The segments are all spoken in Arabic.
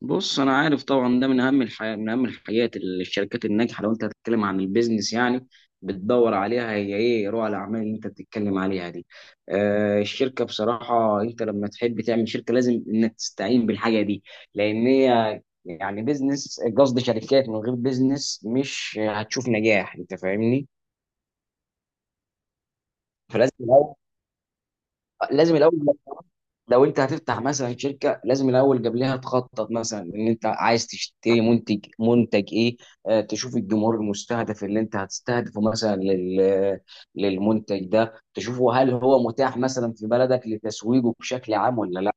بص، انا عارف طبعا ده من اهم الحاجات اللي الشركات الناجحه، لو انت هتتكلم عن البيزنس يعني، بتدور عليها. هي ايه رؤى الاعمال اللي انت بتتكلم عليها دي؟ الشركه بصراحه، انت لما تحب تعمل شركه لازم انك تستعين بالحاجه دي، لان هي يعني بيزنس، قصد شركات من غير بيزنس مش هتشوف نجاح، انت فاهمني. فلازم الاول لازم الاول، لو انت هتفتح مثلا شركه لازم الاول قبلها تخطط، مثلا ان انت عايز تشتري منتج ايه. تشوف الجمهور المستهدف اللي انت هتستهدفه مثلا للمنتج ده، تشوفه هل هو متاح مثلا في بلدك لتسويقه بشكل عام ولا.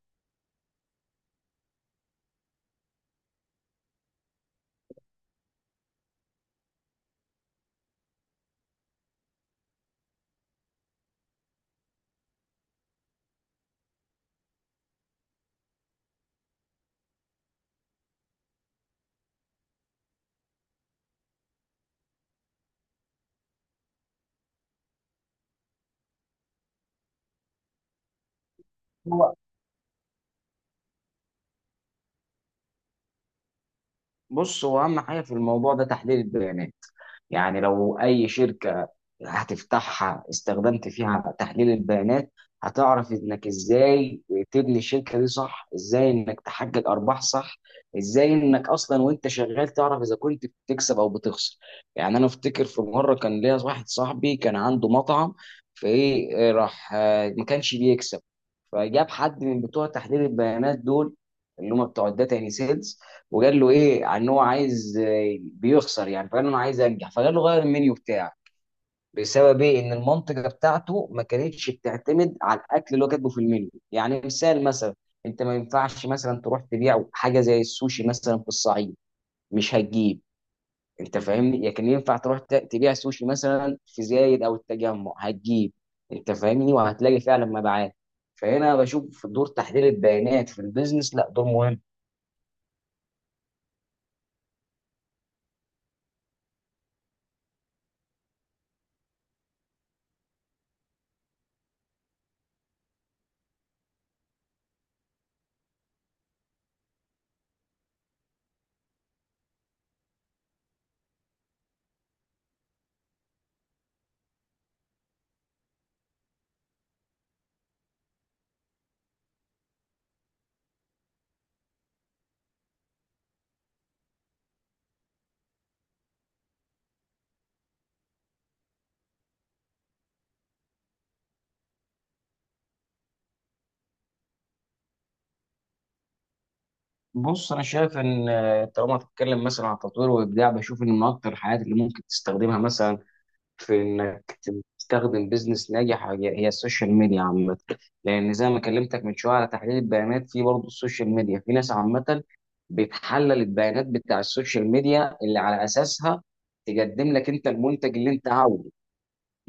لا، بص، هو اهم حاجه في الموضوع ده تحليل البيانات. يعني لو اي شركه هتفتحها استخدمت فيها تحليل البيانات هتعرف انك ازاي تبني الشركه دي صح، ازاي انك تحقق ارباح صح، ازاي انك اصلا وانت شغال تعرف اذا كنت بتكسب او بتخسر. يعني انا افتكر في مره كان ليا واحد صاحبي كان عنده مطعم، فايه إيه، راح ما كانش بيكسب، فجاب حد من بتوع تحليل البيانات دول، اللي هم بتوع الداتا يعني سيلز. وقال له ايه عن ان هو عايز بيخسر يعني، فقال له انا عايز انجح، فقال له غير المنيو بتاعك. بسبب ايه؟ ان المنطقه بتاعته ما كانتش بتعتمد على الاكل اللي هو كاتبه في المنيو. يعني مثال مثلا، انت ما ينفعش مثلا تروح تبيع حاجه زي السوشي مثلا في الصعيد، مش هتجيب، انت فاهمني. لكن ينفع تروح تبيع سوشي مثلا في زايد او التجمع، هتجيب، انت فاهمني، وهتلاقي فعلا مبيعات. فهنا بشوف دور تحليل البيانات في البيزنس، لا دور مهم. بص، انا شايف ان طالما هتتكلم مثلا عن تطوير وابداع، بشوف ان من اكتر الحاجات اللي ممكن تستخدمها مثلا في انك تستخدم بيزنس ناجح هي هي السوشيال ميديا عامه. لان زي ما كلمتك من شويه على تحليل البيانات، في برضه السوشيال ميديا في ناس عامه بتحلل البيانات بتاع السوشيال ميديا اللي على اساسها تقدم لك انت المنتج اللي انت عاوزه،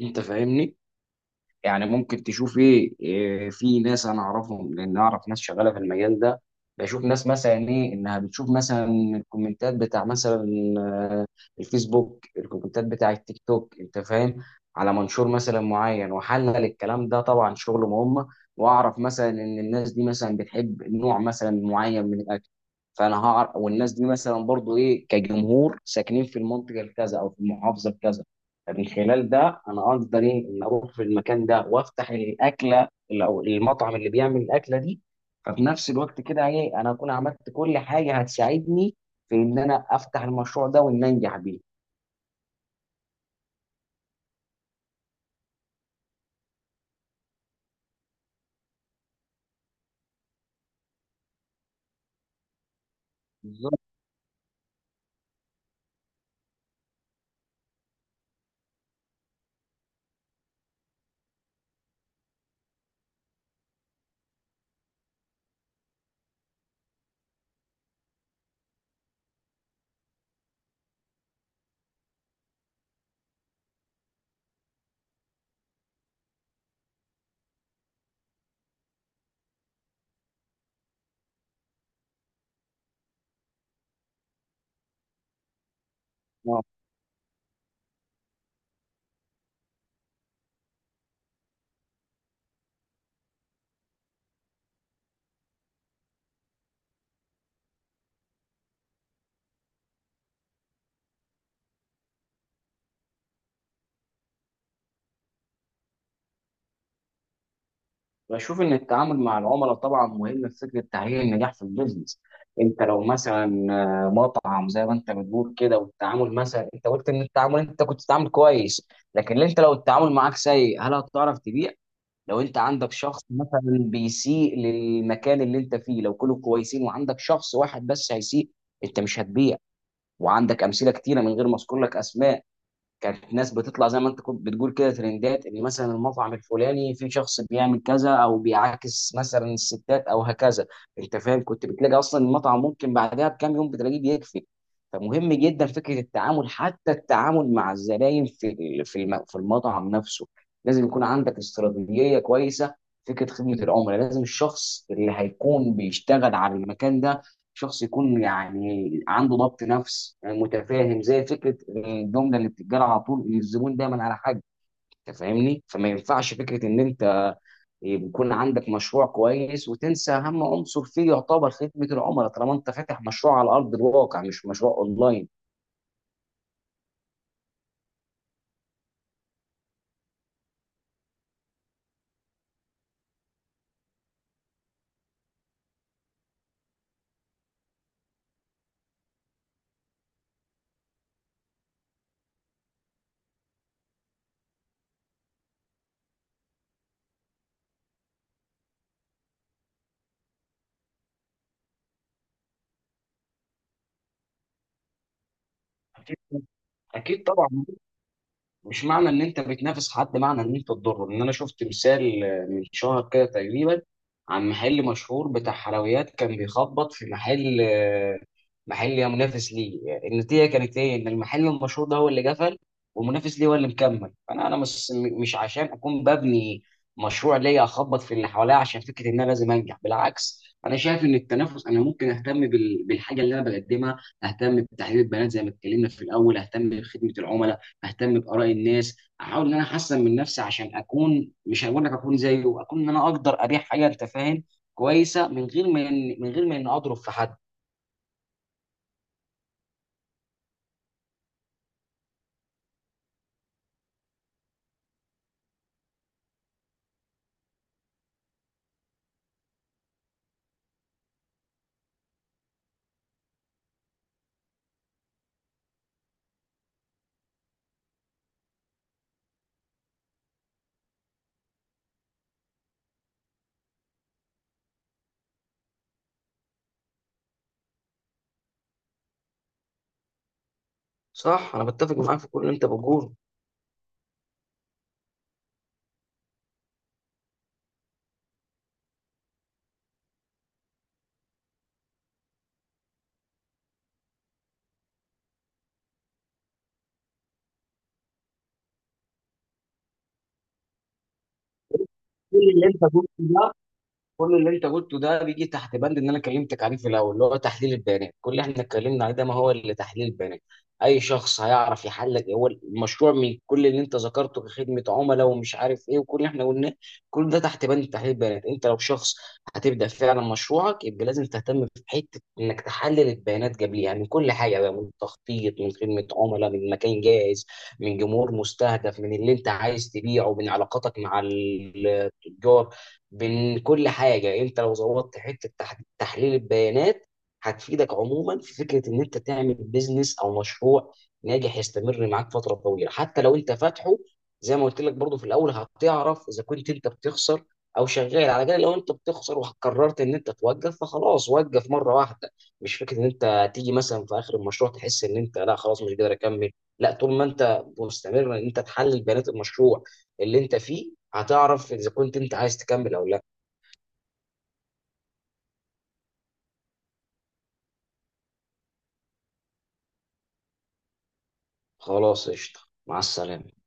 انت فاهمني. يعني ممكن تشوف ايه إيه، في ناس انا اعرفهم لان اعرف ناس شغاله في المجال ده. بشوف ناس مثلا ايه انها بتشوف مثلا الكومنتات بتاع مثلا آه، الفيسبوك، الكومنتات بتاع التيك توك، انت فاهم، على منشور مثلا معين وحلل الكلام ده، طبعا شغل مهم. واعرف مثلا ان الناس دي مثلا بتحب نوع مثلا معين من الاكل، فانا هعرف، والناس دي مثلا برضو ايه كجمهور ساكنين في المنطقه الكذا او في المحافظه الكذا. من خلال ده انا اقدر ايه ان اروح في المكان ده وافتح الاكله او المطعم اللي بيعمل الاكله دي. ففي نفس الوقت كده ايه انا اكون عملت كل حاجه هتساعدني في ان انا افتح المشروع ده وان انجح بيه. بالظبط. آه. بشوف ان التعامل مع العملاء طبعا مهم في فكره تحقيق النجاح في البيزنس. انت لو مثلا مطعم زي ما انت بتقول كده، والتعامل مثلا، انت قلت ان التعامل انت كنت بتتعامل كويس، لكن انت لو التعامل معاك سيء هل هتعرف تبيع؟ لو انت عندك شخص مثلا بيسيء للمكان اللي انت فيه، لو كلهم كويسين وعندك شخص واحد بس هيسيء انت مش هتبيع. وعندك امثله كتيره من غير ما اذكر لك اسماء، كانت ناس بتطلع زي ما انت كنت بتقول كده ترندات، ان مثلا المطعم الفلاني في شخص بيعمل كذا او بيعاكس مثلا الستات او هكذا، انت فاهم، كنت بتلاقي اصلا المطعم ممكن بعدها بكام يوم بتلاقيه بيقفل. فمهم جدا فكره التعامل، حتى التعامل مع الزباين في المطعم نفسه، لازم يكون عندك استراتيجيه كويسه. فكره خدمه العملاء، لازم الشخص اللي هيكون بيشتغل على المكان ده شخص يكون يعني عنده ضبط نفس، متفاهم، زي فكره الجمله اللي بتتقال على طول إن الزبون دايما على حق، انت فاهمني. فما ينفعش فكره ان انت يكون عندك مشروع كويس وتنسى اهم عنصر فيه يعتبر خدمه العملاء، طالما انت فاتح مشروع على ارض الواقع مش مشروع اونلاين. اكيد. أكيد طبعا. مش معنى ان انت بتنافس حد معنى ان انت تضره. ان انا شفت مثال من شهر كده تقريبا، عن محل مشهور بتاع حلويات كان بيخبط في محل محل يا منافس ليه. النتيجه كانت ايه؟ ان المحل المشهور ده هو اللي قفل والمنافس ليه هو اللي مكمل. فانا مش عشان اكون ببني مشروع ليا اخبط في اللي حواليا عشان فكره ان انا لازم انجح. بالعكس، انا شايف ان التنافس انا ممكن اهتم بالحاجه اللي انا بقدمها، اهتم بتحليل البيانات زي ما اتكلمنا في الاول، اهتم بخدمه العملاء، اهتم باراء الناس، احاول ان انا احسن من نفسي عشان اكون مش هقول لك اكون زيه، اكون ان انا اقدر ابيع حاجه، انت فاهم، كويسه من غير ما من غير ما اني اضرب في حد. صح، انا بتفق معاك في كل اللي انت بتقوله. كل اللي انت قلته ده، بيجي تحت بند ان انا كلمتك عليه في الاول، اللي هو تحليل البيانات. كل اللي احنا اتكلمنا عليه ده ما هو اللي تحليل البيانات. اي شخص هيعرف يحلل هو المشروع من كل اللي انت ذكرته كخدمه عملاء ومش عارف ايه، وكل اللي احنا قلناه، كل ده تحت بند تحليل البيانات. انت لو شخص هتبدا فعلا مشروعك يبقى لازم تهتم في حته انك تحلل البيانات قبليها، يعني من كل حاجه بقى، من تخطيط، من خدمه عملاء، من مكان جاهز، من جمهور مستهدف، من اللي انت عايز تبيعه، من علاقاتك مع التجار، بين كل حاجه. انت لو ظبطت حته تحليل البيانات هتفيدك عموما في فكره ان انت تعمل بيزنس او مشروع ناجح يستمر معاك فتره طويله. حتى لو انت فاتحه، زي ما قلت لك برضو في الاول، هتعرف اذا كنت انت بتخسر او شغال. على الاقل لو انت بتخسر وقررت ان انت توقف فخلاص، وقف مره واحده. مش فكره ان انت تيجي مثلا في اخر المشروع تحس ان انت لا، خلاص مش قادر اكمل. لا، طول ما انت مستمر ان انت تحلل بيانات المشروع اللي انت فيه هتعرف إذا كنت أنت عايز تكمل أو لأ. خلاص قشطة. مع السلامة.